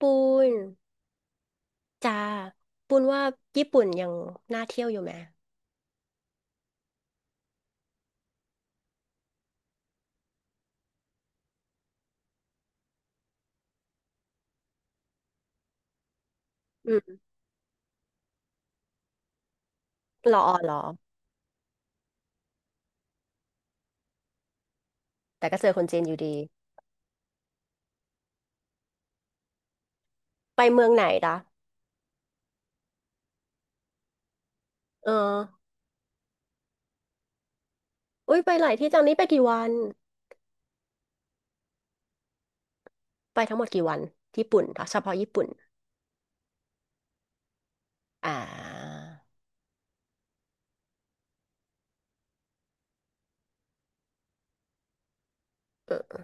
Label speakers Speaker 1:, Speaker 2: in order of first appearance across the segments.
Speaker 1: ปูนจ้าปูนว่าญี่ปุ่นยังน่าเที่ยวอยู่ไหมอืมหรอหรอแต่ก็เจอคนจีนอยู่ดีไปเมืองไหนล่ะเอออุ้ยไปหลายที่จังนี้ไปกี่วันไปทั้งหมดกี่วันที่ญี่ปุ่นเหรอเฉพาะญี่ปุ่นอ่าเออ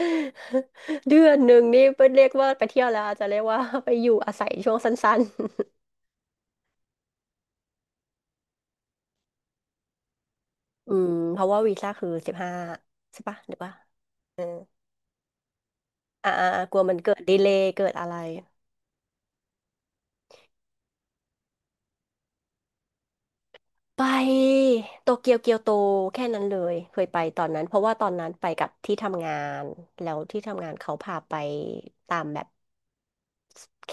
Speaker 1: เดือนหนึ่งนี่เป็นเรียกว่าไปเที่ยวแล้วอาจจะเรียกว่า ไปอยู่อาศัยช่วงสั้นๆ อืมเพราะว่าวีซ่าคือ15ใช่ปะหรือว่าอ่าอ่าอ่ากลัวมันเกิดดีเลย์เกิดอะไร ไปโตเกียวเกียวโตแค่นั้นเลยเคยไปตอนนั้นเพราะว่าตอนนั้นไปกับที่ทำงานแล้วที่ทำงานเขาพาไปตามแบบ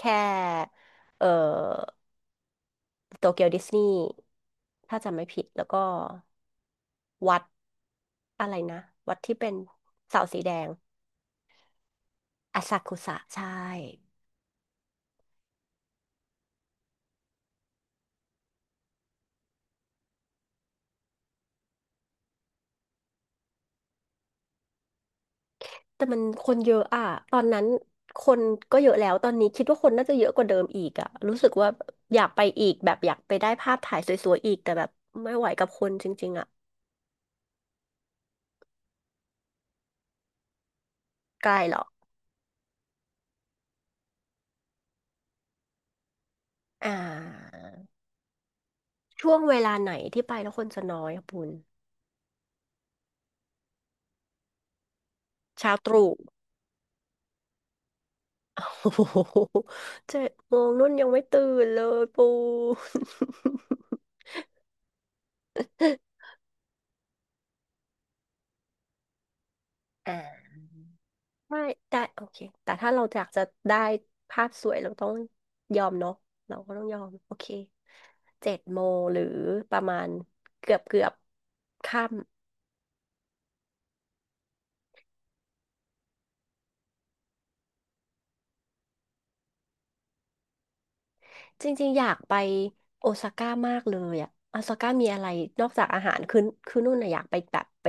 Speaker 1: แค่เอ่อโตเกียวดิสนีย์ถ้าจำไม่ผิดแล้วก็วัดอะไรนะวัดที่เป็นเสาสีแดงอาซากุสะใช่ แต่มันคนเยอะอะ ตอนนั้นคนก็เยอะแล้ว ตอนนี้คิดว่าคนน่าจะเยอะกว่าเดิมอีกอะรู้สึกว่าอยากไปอีกแบบอยากไปได้ภาพถ่ายสวยๆอีกแต่แบบไม่ไหวกับคนจริงๆอะไกลเหรออ่าช่วงเวลาไหนที่ไปแล้วคนจะน้อยอะปุณเช้าตรู่ โอ้โหเจ็ดโมงนุ่นยังไม่ตื่นเลยปูน อ่า ได้ได้โอเคแต่ถ้าเราอยากจะได้ภาพสวยเราต้องยอมเนาะเราก็ต้องยอมโอเคเจ็ดโมงหรือประมาณเกือบเกือบค่ำจริงๆอยากไปโอซาก้ามากเลยอะโอซาก้ามีอะไรนอกจากอาหารคือคือนู่นน่ะอยากไปแบบไป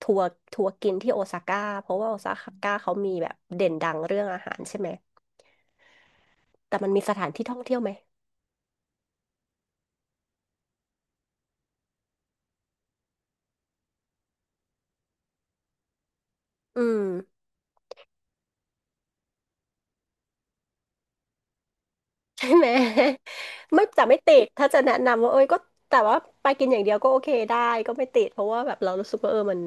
Speaker 1: ทัวร์ทัวร์กินที่โอซาก้าเพราะว่าโอซาก้าเขามีแบบเด่นดังเรื่องอาหารใช่ไหมแต่มันมีสถานที่ท่องเที่ยวไหมอืม ใช่ไหม ไม่แต่ไม่ติดถ้าจะแนะนำว่าเอ้ยก็แต่ว่าไปกินอย่างเดียวก็โอเคได้ก็ไม่ติดเพราะว่าแบบเรารู้สึกว่าเออมัน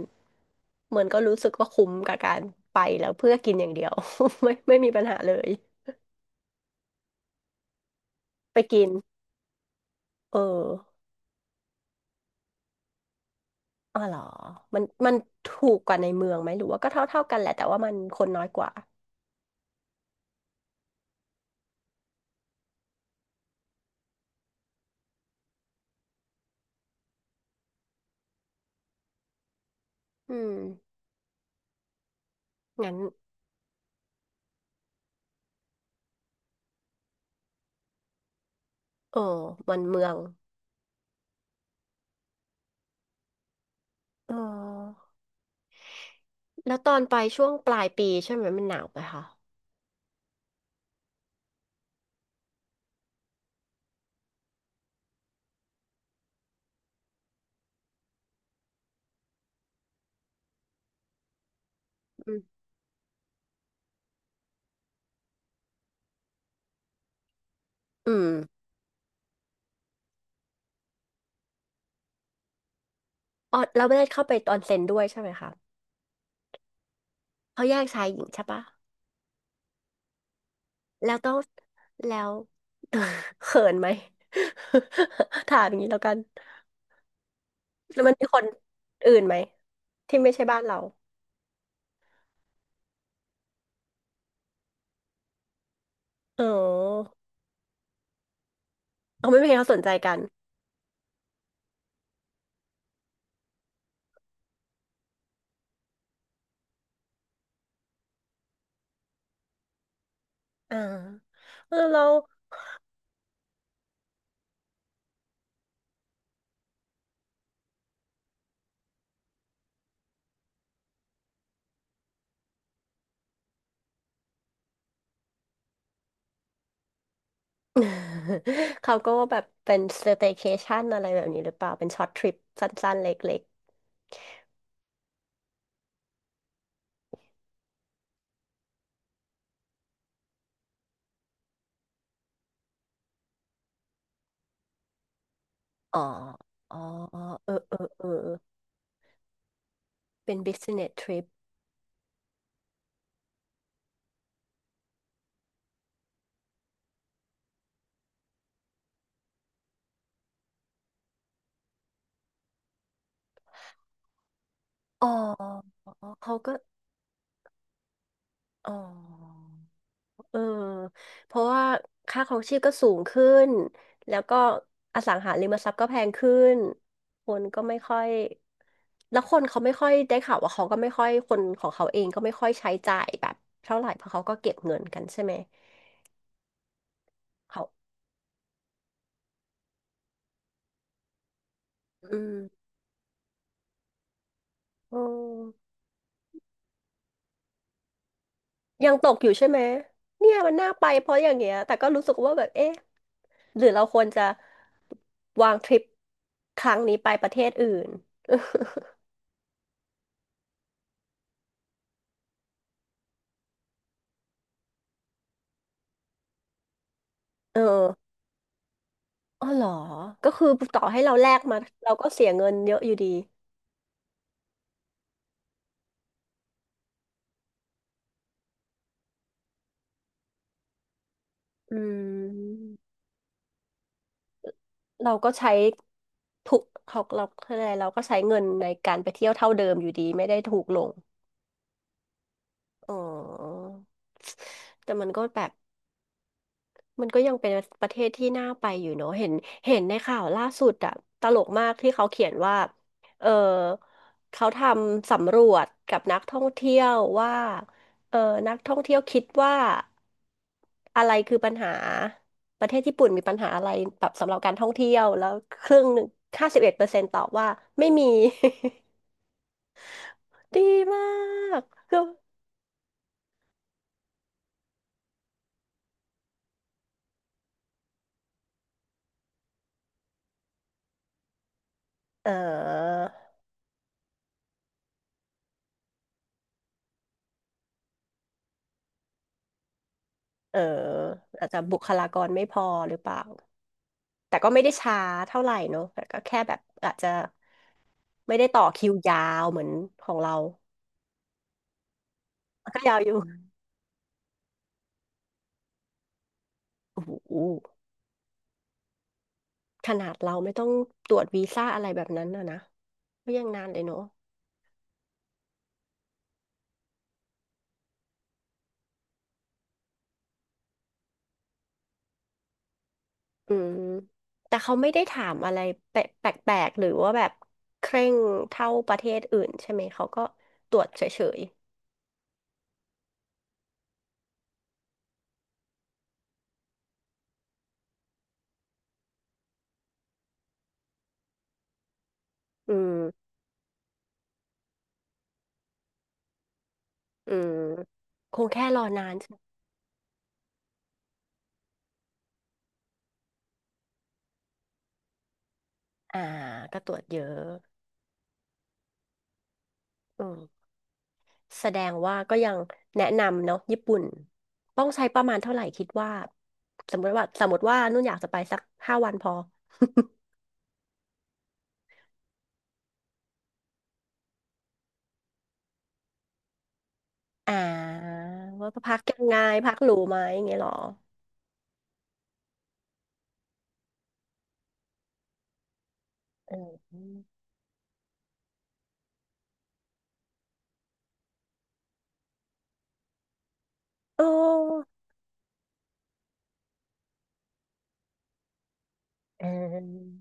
Speaker 1: เหมือนก็รู้สึกว่าคุ้มกับการไปแล้วเพื่อกินอย่างเดียว ไม่ไม่มีปัญหาเลยไปกินเอออ๋อเหรอมันมันถูกกว่าในเมืองไหมหรือว่าก็เท่าเท่ากันแหละแต่ว่ามันคนน้อยกว่าอืมงั้นเออมันเมืองเออแล้วตอนไปช่วงปลายปีใช่ไหมมันหนาวไหมคะอืมอืมอ๋อเราไม่ได้เข้าไปออนเซ็นด้วยใช่ไหมคะ เขาแยกชายหญิงใช่ปะแล้วต้องแล้ว เขินไหม ถามอย่างนี้แล้วกันแล้วมันมีคนอื่นไหมที่ไม่ใช่บ้านเราอ๋อเอาไม่มีใครเขาสนใจกันอ่าเออเรา เขาก็แบบเป็นสเต y c เคชันอะไรแบบนี้หรือเปล่าเป็นช็อตทริปสั้นๆเล็กๆอ๋ออ๋อเออเออเออเป็น business trip อ๋อเขาก็อ๋อ เออ เพราะว่าค่าครองชีพก็สูงขึ้น แล้วก็อสังหาริมทรัพย์ก็แพงขึ้น คนก็ไม่ค่อยแล้วคนเขาไม่ค่อยได้ข่าวว่าเขาก็ไม่ค่อยคนของเขาเองก็ไม่ค่อยใช้จ่ายแบบเท่าไหร่เพราะเขาก็เก็บเงินกันใช่ไหมเขาอืมอืมยังตกอยู่ใช่ไหม เนี่ยมันน่าไปเพราะอย่างเงี้ย แต่ก็รู้สึกว่าแบบเอ๊ะหรือเราควรจะวางทริปครั้งนี้ไปประเทศอื่นเออ อ๋อเหรอ ก็คือต่อให้เราแลกมาเราก็เสียเงินเยอะอยู่ดี อืม เราก็ใช้ถูกเขาเราอะไรเราก็ใช้เงินในการไปเที่ยวเท่าเดิมอยู่ดีไม่ได้ถูกลง อ๋อ แต่มันก็แบบ มันก็ยังเป็นประเทศที่น่าไปอยู่เนอะเห็นเห็นในข่าวล่าสุดอะตลกมากที่เขาเขียนว่า เออ เขาทำสำรวจกับนักท่องเที่ยวว่าเออนักท่องเที่ยวคิดว่าอะไรคือปัญหาประเทศญี่ปุ่นมีปัญหาอะไรแบบสำหรับการท่องเที่ยวแล้วครึ่งหนึ่ง51%ตอบว่าไม่มี ดีมากคือเออ เออ อาจจะบุคลากรไม่พอหรือเปล่า แต่ก็ไม่ได้ช้าเท่าไหร่เนอะแต่ก็แค่แบบอาจจะไม่ได้ต่อคิวยาวเหมือนของเราก็ยาวอยู่ โอ้โหขนาดเราไม่ต้องตรวจวีซ่าอะไรแบบนั้นนะนะก็ยังนานเลยเนอะอืมแต่เขาไม่ได้ถามอะไรแปลกๆหรือว่าแบบเคร่งเท่าประเทศอื่นใช่ไหมเขาก็ตรวจเฉยๆอืมอืมคงแค่รอนานใช่ไหมอ่าก็ตรวจเยอะอืม แสดงว่าก็ยังแนะนำเนาะญี่ปุ่นต้องใช้ประมาณเท่าไหร่คิดว่าสมมติว่าสมมติว่านุ่นอยากจะไปสัก5 วันพอ อ่าว่าพักยังไงพักหรูไหมอย่างเงี้ยเหรอเออโอ้เออ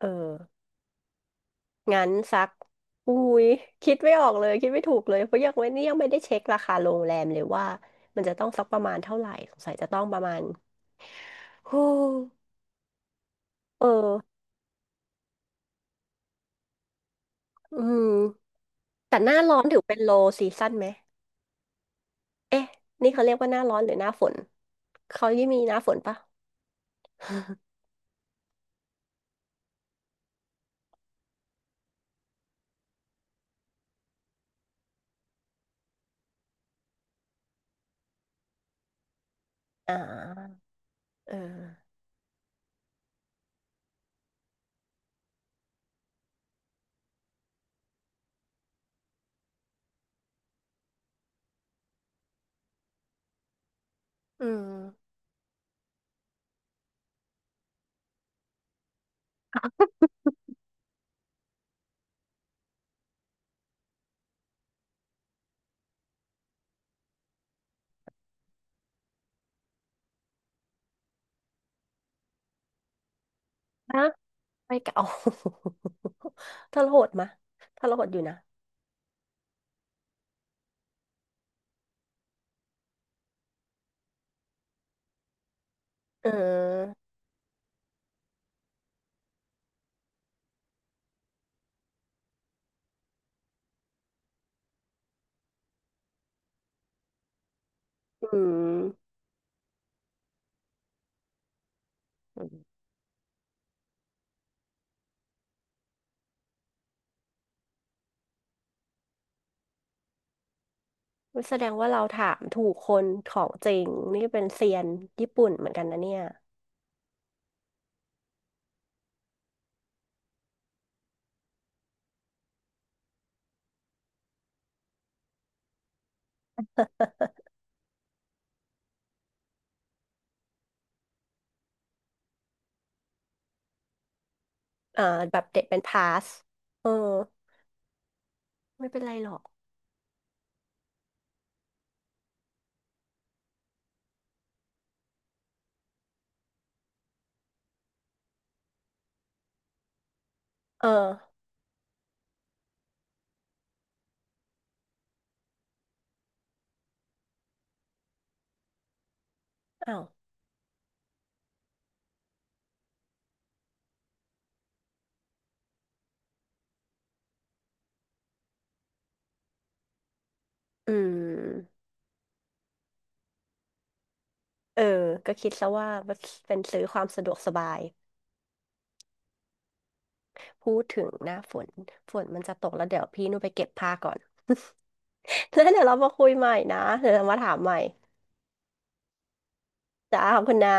Speaker 1: เอองั้นสักอุ้ยคิดไม่ออกเลยคิดไม่ถูกเลยเพราะยังไม่นี่ยังไม่ได้เช็คราคาโรงแรมเลยว่ามันจะต้องสักประมาณเท่าไหร่สงสัยจะต้องประมาณโอ้เอออืมแต่หน้าร้อนถือเป็น low season ไหม เอ๊ะนี่เขาเรียกว่าหน้าร้อนหรือหน้าฝนเขายี่มีหน้าฝนปะ อ่าเอออืมนะไปเก่า ทรหดมะทรหดอยู่นะเอออืมอืมแสดงว่าเราถามถูกคนของจริงนี่เป็นเซียนญี่ปุ่นเหมือนกันนะเนี่ยเออแบบเด็กเป็นพาสเออไม่เป็นไรหรอกเอออ้าวอืมเออก็คิดซะว่าเป็นซื้อความสะดวกสบาย พูดถึงหน้าฝนฝนมันจะตกแล้วเดี๋ยวพี่หนยไปเก็บผ้าก่อน แล้วเดี๋ยวเรามาคุยใหม่นะเดี๋ยวเรามาถามใหม่จ้าขอบคุณนะ